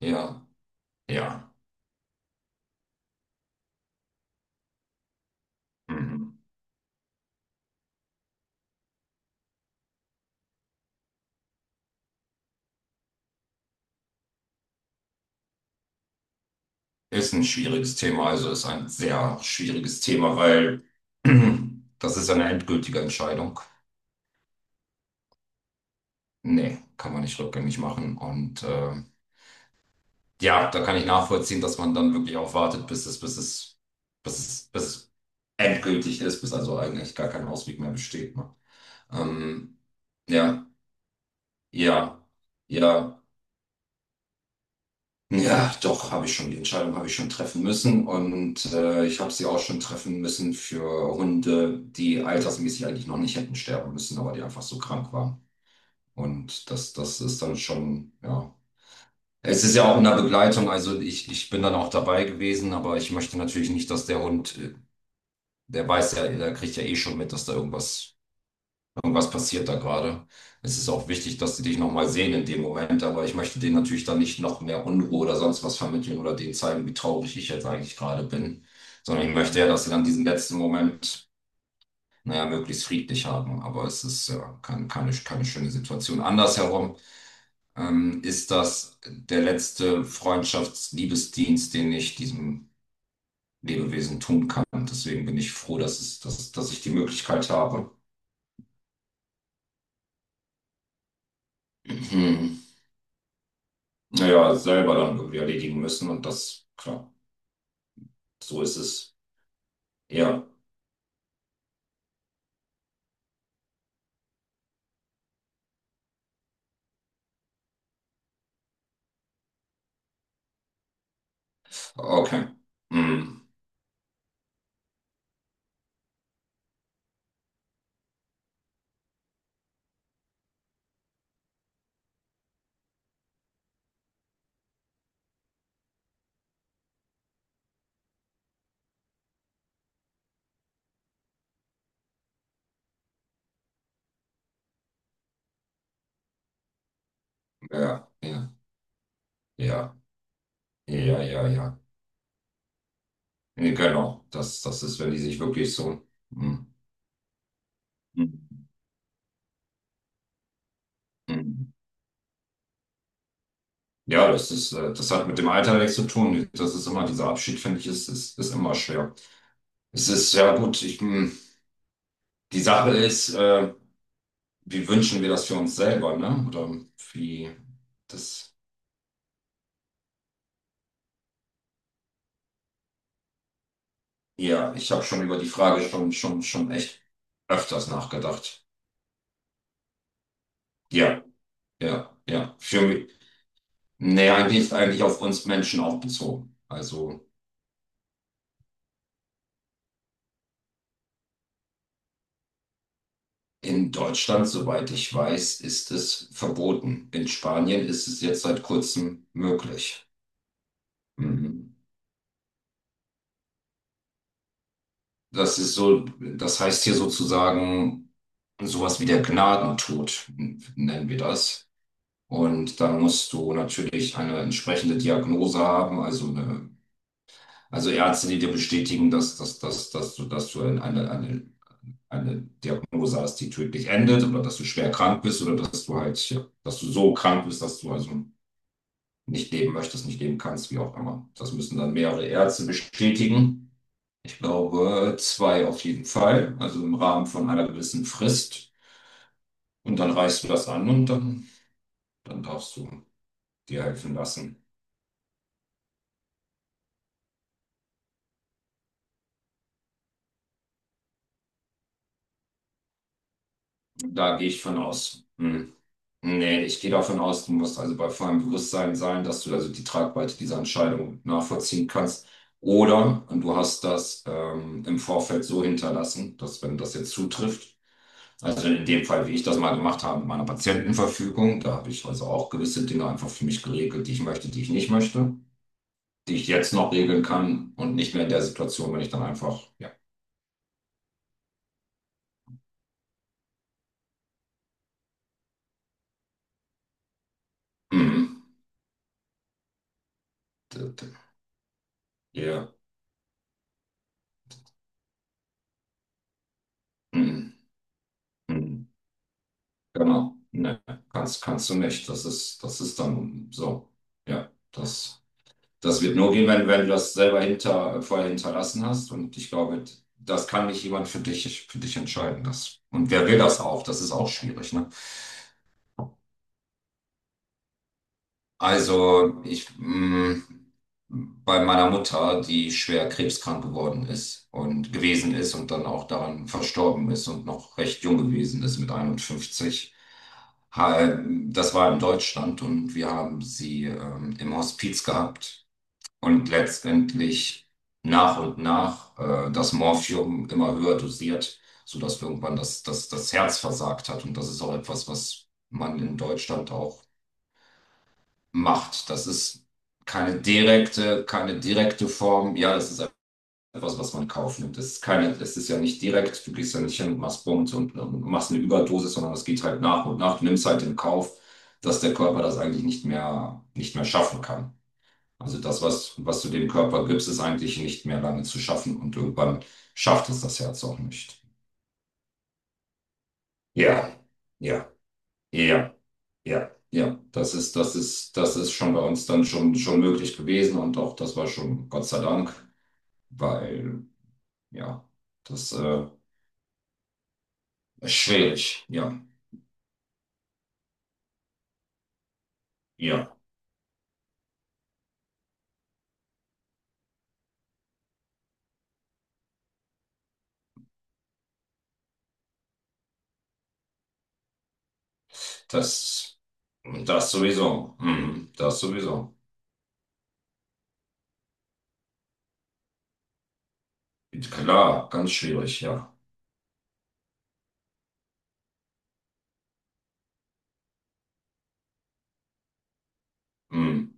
Ja, ja. Mhm. Ist ein schwieriges Thema, also ist ein sehr schwieriges Thema, weil das ist eine endgültige Entscheidung. Nee, kann man nicht rückgängig machen. Und ja, da kann ich nachvollziehen, dass man dann wirklich auch wartet, bis es endgültig ist, bis also eigentlich gar kein Ausweg mehr besteht. Ne? Ähm, ja, ja, ja. Hm. Ja, doch, habe ich schon, die Entscheidung habe ich schon treffen müssen und ich habe sie auch schon treffen müssen für Hunde, die altersmäßig eigentlich noch nicht hätten sterben müssen, aber die einfach so krank waren. Und das ist dann schon, ja. Es ist ja auch in der Begleitung, also ich bin dann auch dabei gewesen, aber ich möchte natürlich nicht, dass der Hund, der weiß ja, der kriegt ja eh schon mit, dass da irgendwas was passiert da gerade. Es ist auch wichtig, dass sie dich nochmal sehen in dem Moment, aber ich möchte denen natürlich dann nicht noch mehr Unruhe oder sonst was vermitteln oder denen zeigen, wie traurig ich jetzt eigentlich gerade bin, sondern ich möchte ja, dass sie dann diesen letzten Moment, naja, möglichst friedlich haben. Aber es ist ja keine schöne Situation. Andersherum ist das der letzte Freundschaftsliebesdienst, den ich diesem Lebewesen tun kann. Deswegen bin ich froh, dass ich die Möglichkeit habe. Naja, selber dann irgendwie erledigen müssen und das, klar, so ist es. Ja, okay. Hm. Ja, ja, ja, ja, ja, ja. Nee, genau, das ist, wenn die sich wirklich so. Hm. Hm. Hm. Ja, das ist, das hat mit dem Alter nichts zu tun. Das ist immer, dieser Abschied, finde ich, ist immer schwer. Es ist, ja gut, ich, die Sache ist, wie wünschen wir das für uns selber, ne? Oder wie das. Ja, ich habe schon über die Frage schon echt öfters nachgedacht. Ja, ja, ja. Für mich, nee, eigentlich ist eigentlich auf uns Menschen auch bezogen. Also in Deutschland, soweit ich weiß, ist es verboten. In Spanien ist es jetzt seit kurzem möglich. Mhm. Das ist so, das heißt hier sozusagen sowas wie der Gnadentod, nennen wir das. Und da musst du natürlich eine entsprechende Diagnose haben, also eine. Also Ärzte, die dir bestätigen, dass du eine Diagnose hast, die tödlich endet oder dass du schwer krank bist oder dass du halt, ja, dass du so krank bist, dass du also nicht leben möchtest, nicht leben kannst, wie auch immer. Das müssen dann mehrere Ärzte bestätigen. Ich glaube, zwei auf jeden Fall, also im Rahmen von einer gewissen Frist. Und dann reichst du das an und dann darfst du dir helfen lassen. Da gehe ich von aus. Hm. Nee, ich gehe davon aus, du musst also bei vollem Bewusstsein sein, dass du also die Tragweite dieser Entscheidung nachvollziehen kannst. Oder und du hast das im Vorfeld so hinterlassen, dass wenn das jetzt zutrifft, also in dem Fall, wie ich das mal gemacht habe, mit meiner Patientenverfügung, da habe ich also auch gewisse Dinge einfach für mich geregelt, die ich möchte, die ich nicht möchte, die ich jetzt noch regeln kann und nicht mehr in der Situation, wenn ich dann einfach, ja, mhm. D- d- ja, mhm. Mhm. Genau. Ne, kannst du nicht. Das ist dann so. Ja, das, das wird nur gehen, wenn du das selber hinter, vorher hinterlassen hast. Und ich glaube, das kann nicht jemand für dich entscheiden. Das, und wer will das auch? Das ist auch schwierig, ne? Also ich bei meiner Mutter, die schwer krebskrank geworden ist und gewesen ist und dann auch daran verstorben ist und noch recht jung gewesen ist mit 51. Ha- Das war in Deutschland und wir haben sie im Hospiz gehabt und letztendlich nach und nach das Morphium immer höher dosiert, sodass irgendwann das Herz versagt hat. Und das ist auch etwas, was man in Deutschland auch macht. Das ist keine direkte, keine direkte Form. Ja, das ist etwas, was man kauft. Das ist keine, das ist ja nicht direkt. Du gehst ja nicht hin und machst Bums und machst eine Überdosis, sondern das geht halt nach und nach. Du nimmst halt in Kauf, dass der Körper das eigentlich nicht mehr schaffen kann. Also das, was du dem Körper gibst, ist eigentlich nicht mehr lange zu schaffen und irgendwann schafft es das Herz auch nicht. Ja, ja, ja. Ja, ja, das ist schon bei uns dann schon möglich gewesen und auch das war schon Gott sei Dank, weil, ja, das ist schwierig, ja, ja, das, das sowieso, das sowieso, klar, ganz schwierig, ja, mhm,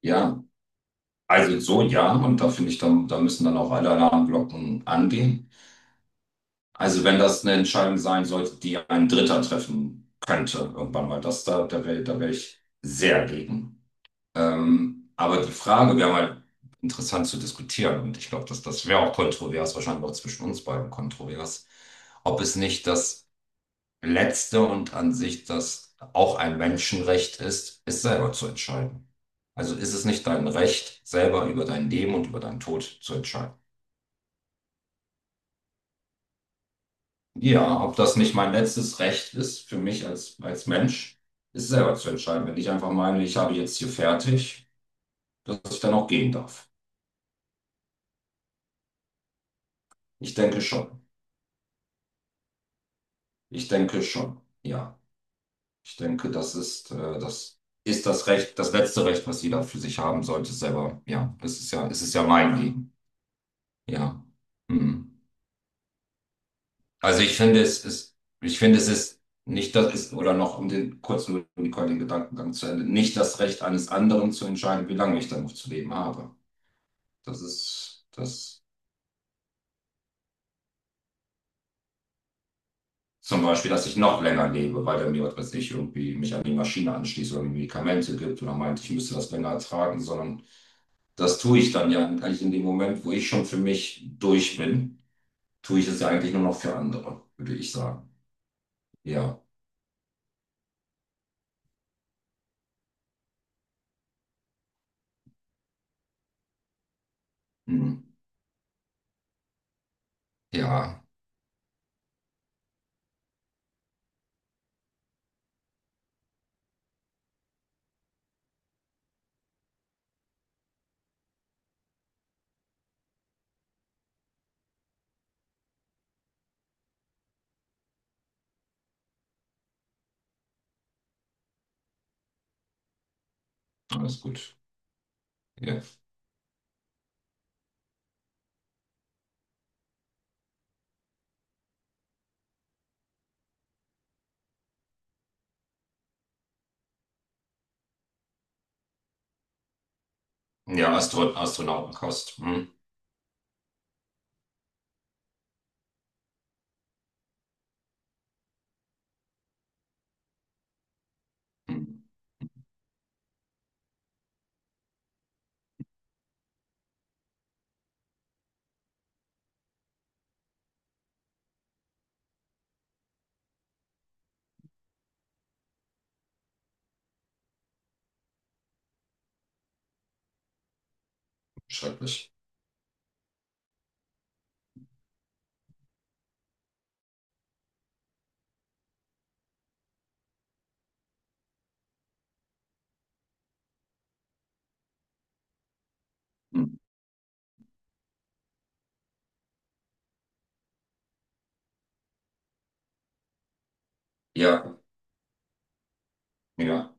ja, also so, ja, und da finde ich, dann, da müssen dann auch alle Alarmglocken angehen. Also wenn das eine Entscheidung sein sollte, die ein Dritter treffen könnte, irgendwann mal, das da, da wäre ich sehr gegen. Aber die Frage wäre mal interessant zu diskutieren und ich glaube, dass das wäre auch kontrovers, wahrscheinlich auch zwischen uns beiden kontrovers, ob es nicht das letzte und an sich das auch ein Menschenrecht ist, es selber zu entscheiden. Also ist es nicht dein Recht, selber über dein Leben und über deinen Tod zu entscheiden? Ja, ob das nicht mein letztes Recht ist für mich als Mensch, ist selber zu entscheiden. Wenn ich einfach meine, ich habe jetzt hier fertig, dass ich dann auch gehen darf. Ich denke schon. Ich denke schon, ja. Ich denke, das ist, das ist das Recht, das letzte Recht, was jeder für sich haben sollte, selber. Ja, es ist ja, es ist ja mein Leben. Ja. Hm. Also ich finde, es ist, ich finde, es ist nicht das ist, oder noch um den kurz nur den den Gedankengang zu Ende, nicht das Recht eines anderen zu entscheiden, wie lange ich dann noch zu leben habe. Das ist das zum Beispiel, dass ich noch länger lebe, weil er mir, was weiß ich, irgendwie mich an die Maschine anschließt oder mir Medikamente gibt oder meint, ich müsste das länger ertragen, sondern. Das tue ich dann ja eigentlich in dem Moment, wo ich schon für mich durch bin, tue ich es ja eigentlich nur noch für andere, würde ich sagen. Ja, hm. Ja, alles gut. Ja, ja, Astronautenkost. Hm. Hm. Schrecklich. Hm. Ja, ja.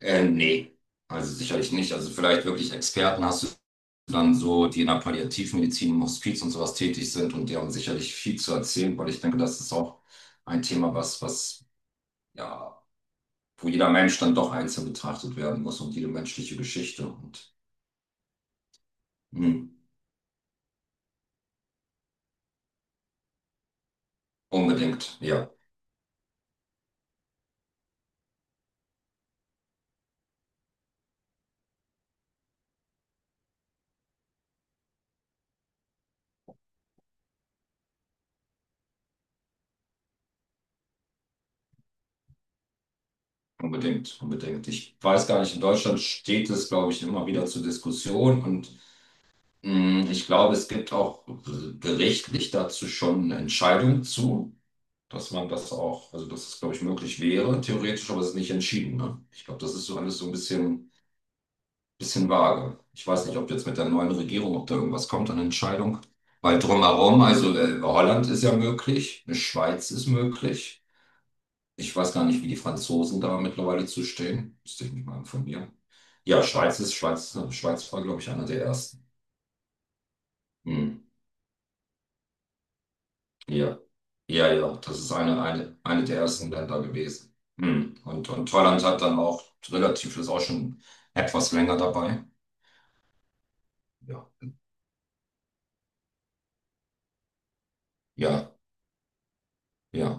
Nee, also sicherlich nicht. Also vielleicht wirklich Experten hast du dann so, die in der Palliativmedizin im Hospiz und sowas tätig sind und die haben sicherlich viel zu erzählen, weil ich denke, das ist auch ein Thema, was ja wo jeder Mensch dann doch einzeln betrachtet werden muss und jede menschliche Geschichte. Und mh, unbedingt, ja, unbedingt, unbedingt. Ich weiß gar nicht, in Deutschland steht es, glaube ich, immer wieder zur Diskussion und ich glaube, es gibt auch gerichtlich dazu schon eine Entscheidung zu. Dass man das auch, also dass es, glaube ich, möglich wäre, theoretisch, aber es ist nicht entschieden. Ne? Ich glaube, das ist so alles so ein bisschen vage. Ich weiß nicht, ob jetzt mit der neuen Regierung, ob da irgendwas kommt an Entscheidung. Weil drumherum, also Holland ist ja möglich, eine Schweiz ist möglich. Ich weiß gar nicht, wie die Franzosen da mittlerweile zu stehen. Müsste ich mich mal informieren. Ja, Schweiz ist, Schweiz war, glaube ich, einer der ersten. Hm. Ja. Ja, ja, das ist eine der ersten Länder gewesen. Hm. Und Holland hat dann auch relativ, ist auch schon etwas länger dabei. Ja. Ja, ja.